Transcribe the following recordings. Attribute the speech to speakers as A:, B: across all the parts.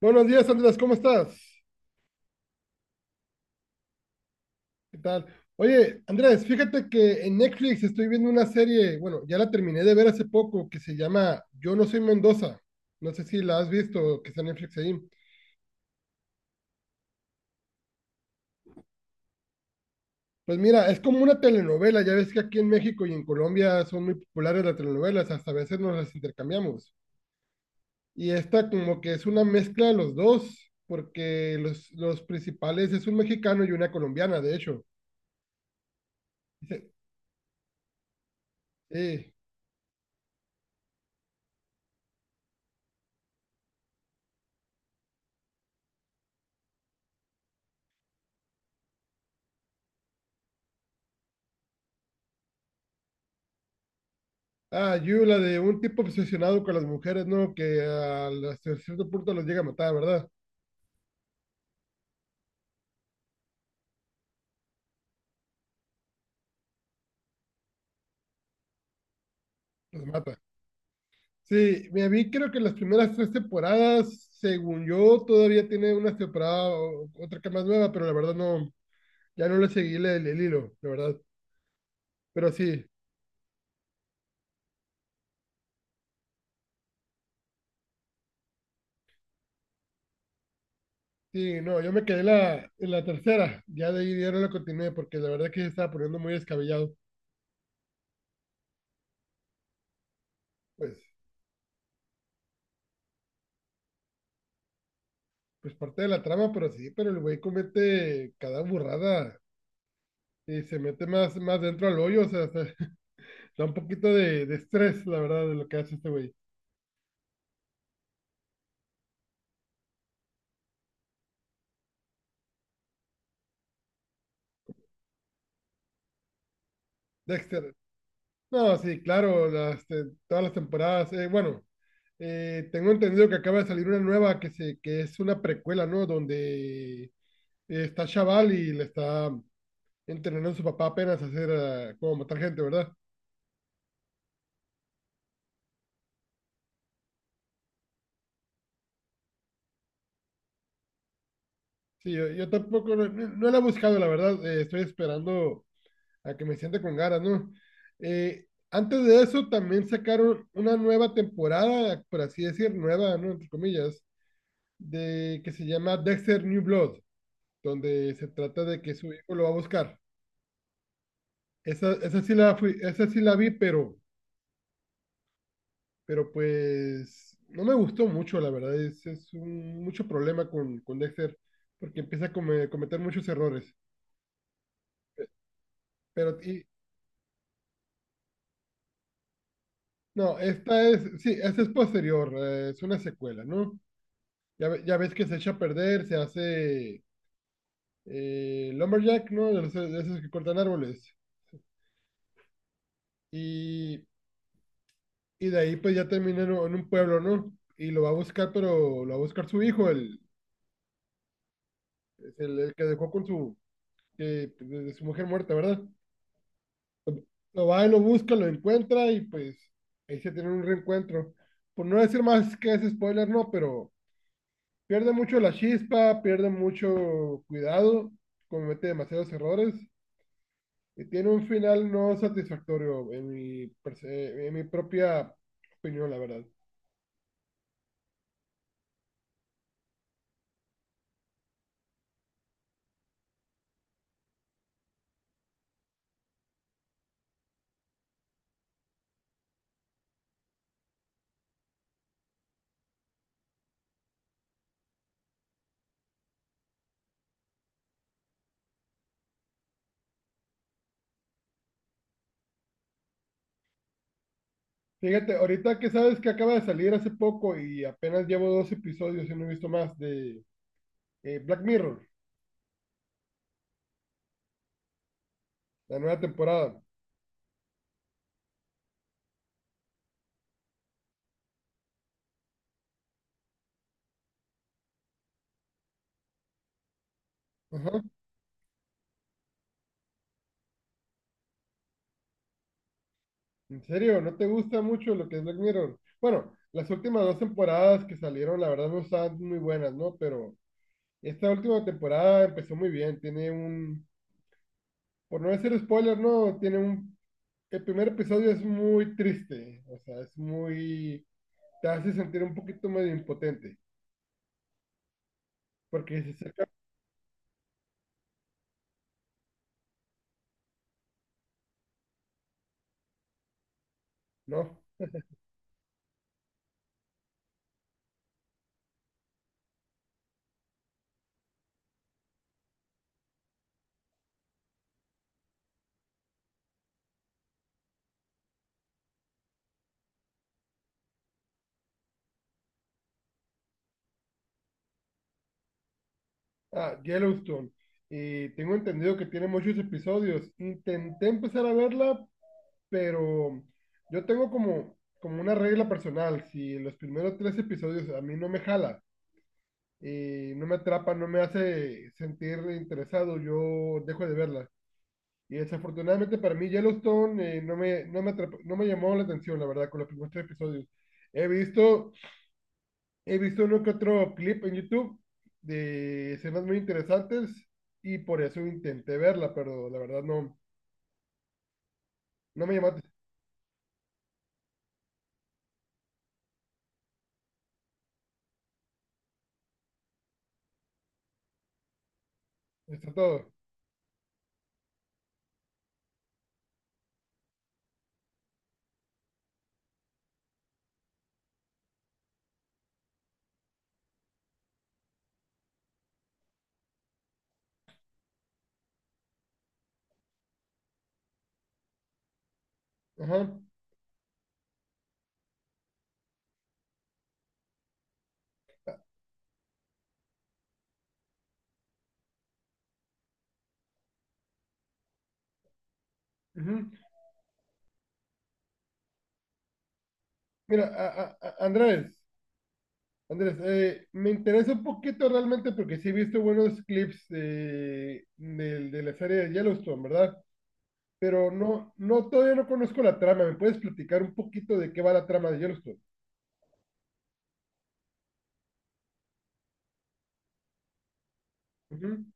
A: Buenos días, Andrés, ¿cómo estás? ¿Qué tal? Oye, Andrés, fíjate que en Netflix estoy viendo una serie, bueno, ya la terminé de ver hace poco, que se llama Yo no soy Mendoza. No sé si la has visto, que está en Netflix ahí. Pues mira, es como una telenovela, ya ves que aquí en México y en Colombia son muy populares las telenovelas, hasta a veces nos las intercambiamos. Y esta como que es una mezcla de los dos, porque los principales es un mexicano y una colombiana, de hecho. Dice, sí. Ah, You, la de un tipo obsesionado con las mujeres, ¿no? Hasta cierto punto los llega a matar, ¿verdad? Los mata. Sí, me vi creo que las primeras tres temporadas, según yo, todavía tiene una temporada, otra que más nueva, pero la verdad no, ya no le seguí el hilo, la verdad. Pero sí, sí, no, yo me quedé en la tercera, ya de ahí ya no la continué, porque la verdad que se estaba poniendo muy descabellado. Pues, pues parte de la trama, pero sí, pero el güey comete cada burrada. Y se mete más, más dentro al hoyo, o sea, da un poquito de estrés, la verdad, de lo que hace este güey. Dexter. No, sí, claro, las, todas las temporadas. Bueno, tengo entendido que acaba de salir una nueva que, se, que es una precuela, ¿no? Donde está Chaval y le está entrenando a su papá apenas a hacer, ah, como matar gente, ¿verdad? Sí, yo tampoco, no, no la he buscado, la verdad. Estoy esperando a que me siente con ganas, ¿no? Antes de eso también sacaron una nueva temporada, por así decir, nueva, ¿no? Entre comillas, de que se llama Dexter New Blood, donde se trata de que su hijo lo va a buscar. Esa sí la fui, esa sí la vi, pero pues no me gustó mucho, la verdad. Es un, mucho problema con Dexter, porque empieza a cometer muchos errores. Pero, y, no, esta es, sí, esta es posterior, es una secuela, ¿no? Ya, ya ves que se echa a perder, se hace Lumberjack, ¿no? De esos que cortan árboles. Y y de ahí pues ya termina en un pueblo, ¿no? Y lo va a buscar, pero lo va a buscar su hijo, el, el que dejó con su, eh, de su mujer muerta, ¿verdad? Lo va y lo busca, lo encuentra y pues ahí se tiene un reencuentro. Por no decir más que es spoiler, no, pero pierde mucho la chispa, pierde mucho cuidado, comete demasiados errores y tiene un final no satisfactorio en mi, en mi propia opinión, la verdad. Fíjate, ahorita que sabes que acaba de salir hace poco y apenas llevo dos episodios y no he visto más de Black Mirror, la nueva temporada. Ajá. ¿En serio? ¿No te gusta mucho lo que es Black Mirror? Bueno, las últimas dos temporadas que salieron, la verdad, no estaban muy buenas, ¿no? Pero esta última temporada empezó muy bien. Tiene un, por no decir spoiler, ¿no? Tiene un, el primer episodio es muy triste, o sea, es muy, te hace sentir un poquito medio impotente, porque se acerca, ¿no? Ah, Yellowstone. Y tengo entendido que tiene muchos episodios. Intenté empezar a verla, pero yo tengo como, como una regla personal. Si los primeros tres episodios a mí no me jala, y no me atrapa, no me hace sentir interesado, yo dejo de verla. Y desafortunadamente para mí Yellowstone no me, no me llamó la atención, la verdad, con los primeros tres episodios. He visto He visto uno que otro clip en YouTube de escenas muy interesantes y por eso intenté verla, pero la verdad no, no me llamaste. Está todo. Ajá. Ujú. Mira, Andrés, Andrés, me interesa un poquito realmente porque sí he visto buenos clips de, de la serie de Yellowstone, ¿verdad? Pero no, no, todavía no conozco la trama. ¿Me puedes platicar un poquito de qué va la trama de Yellowstone? Ujú,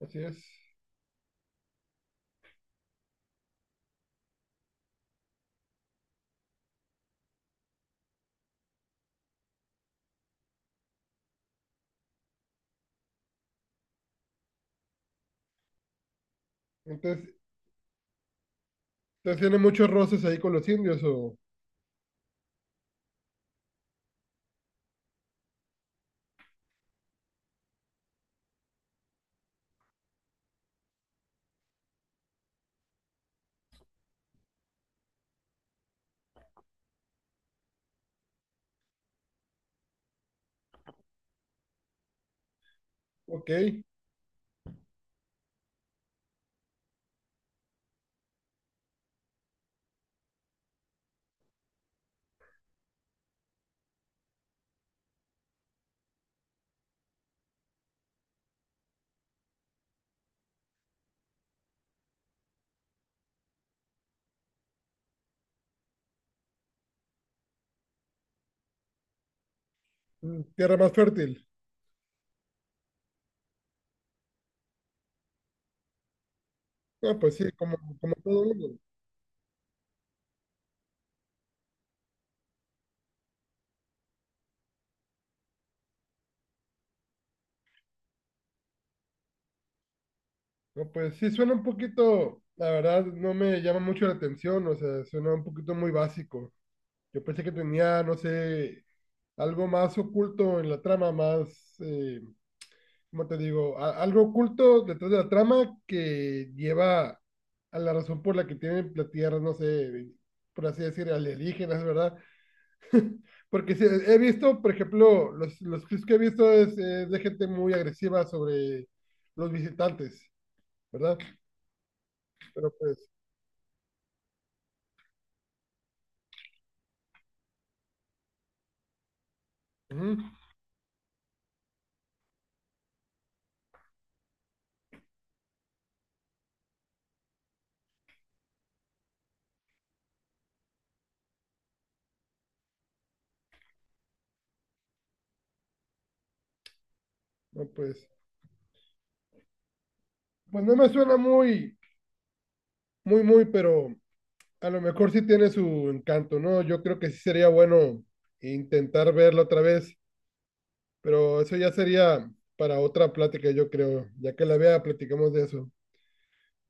A: así es. Entonces, entonces tiene muchos roces ahí con los indios o... Ok, mm, tierra más fértil. No, pues sí, como, como todo mundo. No, pues sí, suena un poquito, la verdad, no me llama mucho la atención, o sea, suena un poquito muy básico. Yo pensé que tenía, no sé, algo más oculto en la trama, más, ¿cómo te digo? Algo oculto detrás de la trama que lleva a la razón por la que tienen la tierra, no sé, por así decir, alienígenas, ¿verdad? Porque sí, he visto, por ejemplo, los clips que he visto es de gente muy agresiva sobre los visitantes, ¿verdad? Pero pues, ujú, no, pues, pues no me suena muy, muy, muy, pero a lo mejor sí tiene su encanto, ¿no? Yo creo que sí sería bueno intentar verlo otra vez, pero eso ya sería para otra plática, yo creo. Ya que la vea, platicamos de eso.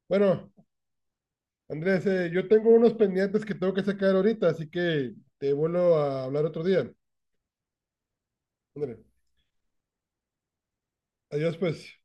A: Bueno, Andrés, yo tengo unos pendientes que tengo que sacar ahorita, así que te vuelvo a hablar otro día. Ándale. Adiós, pues.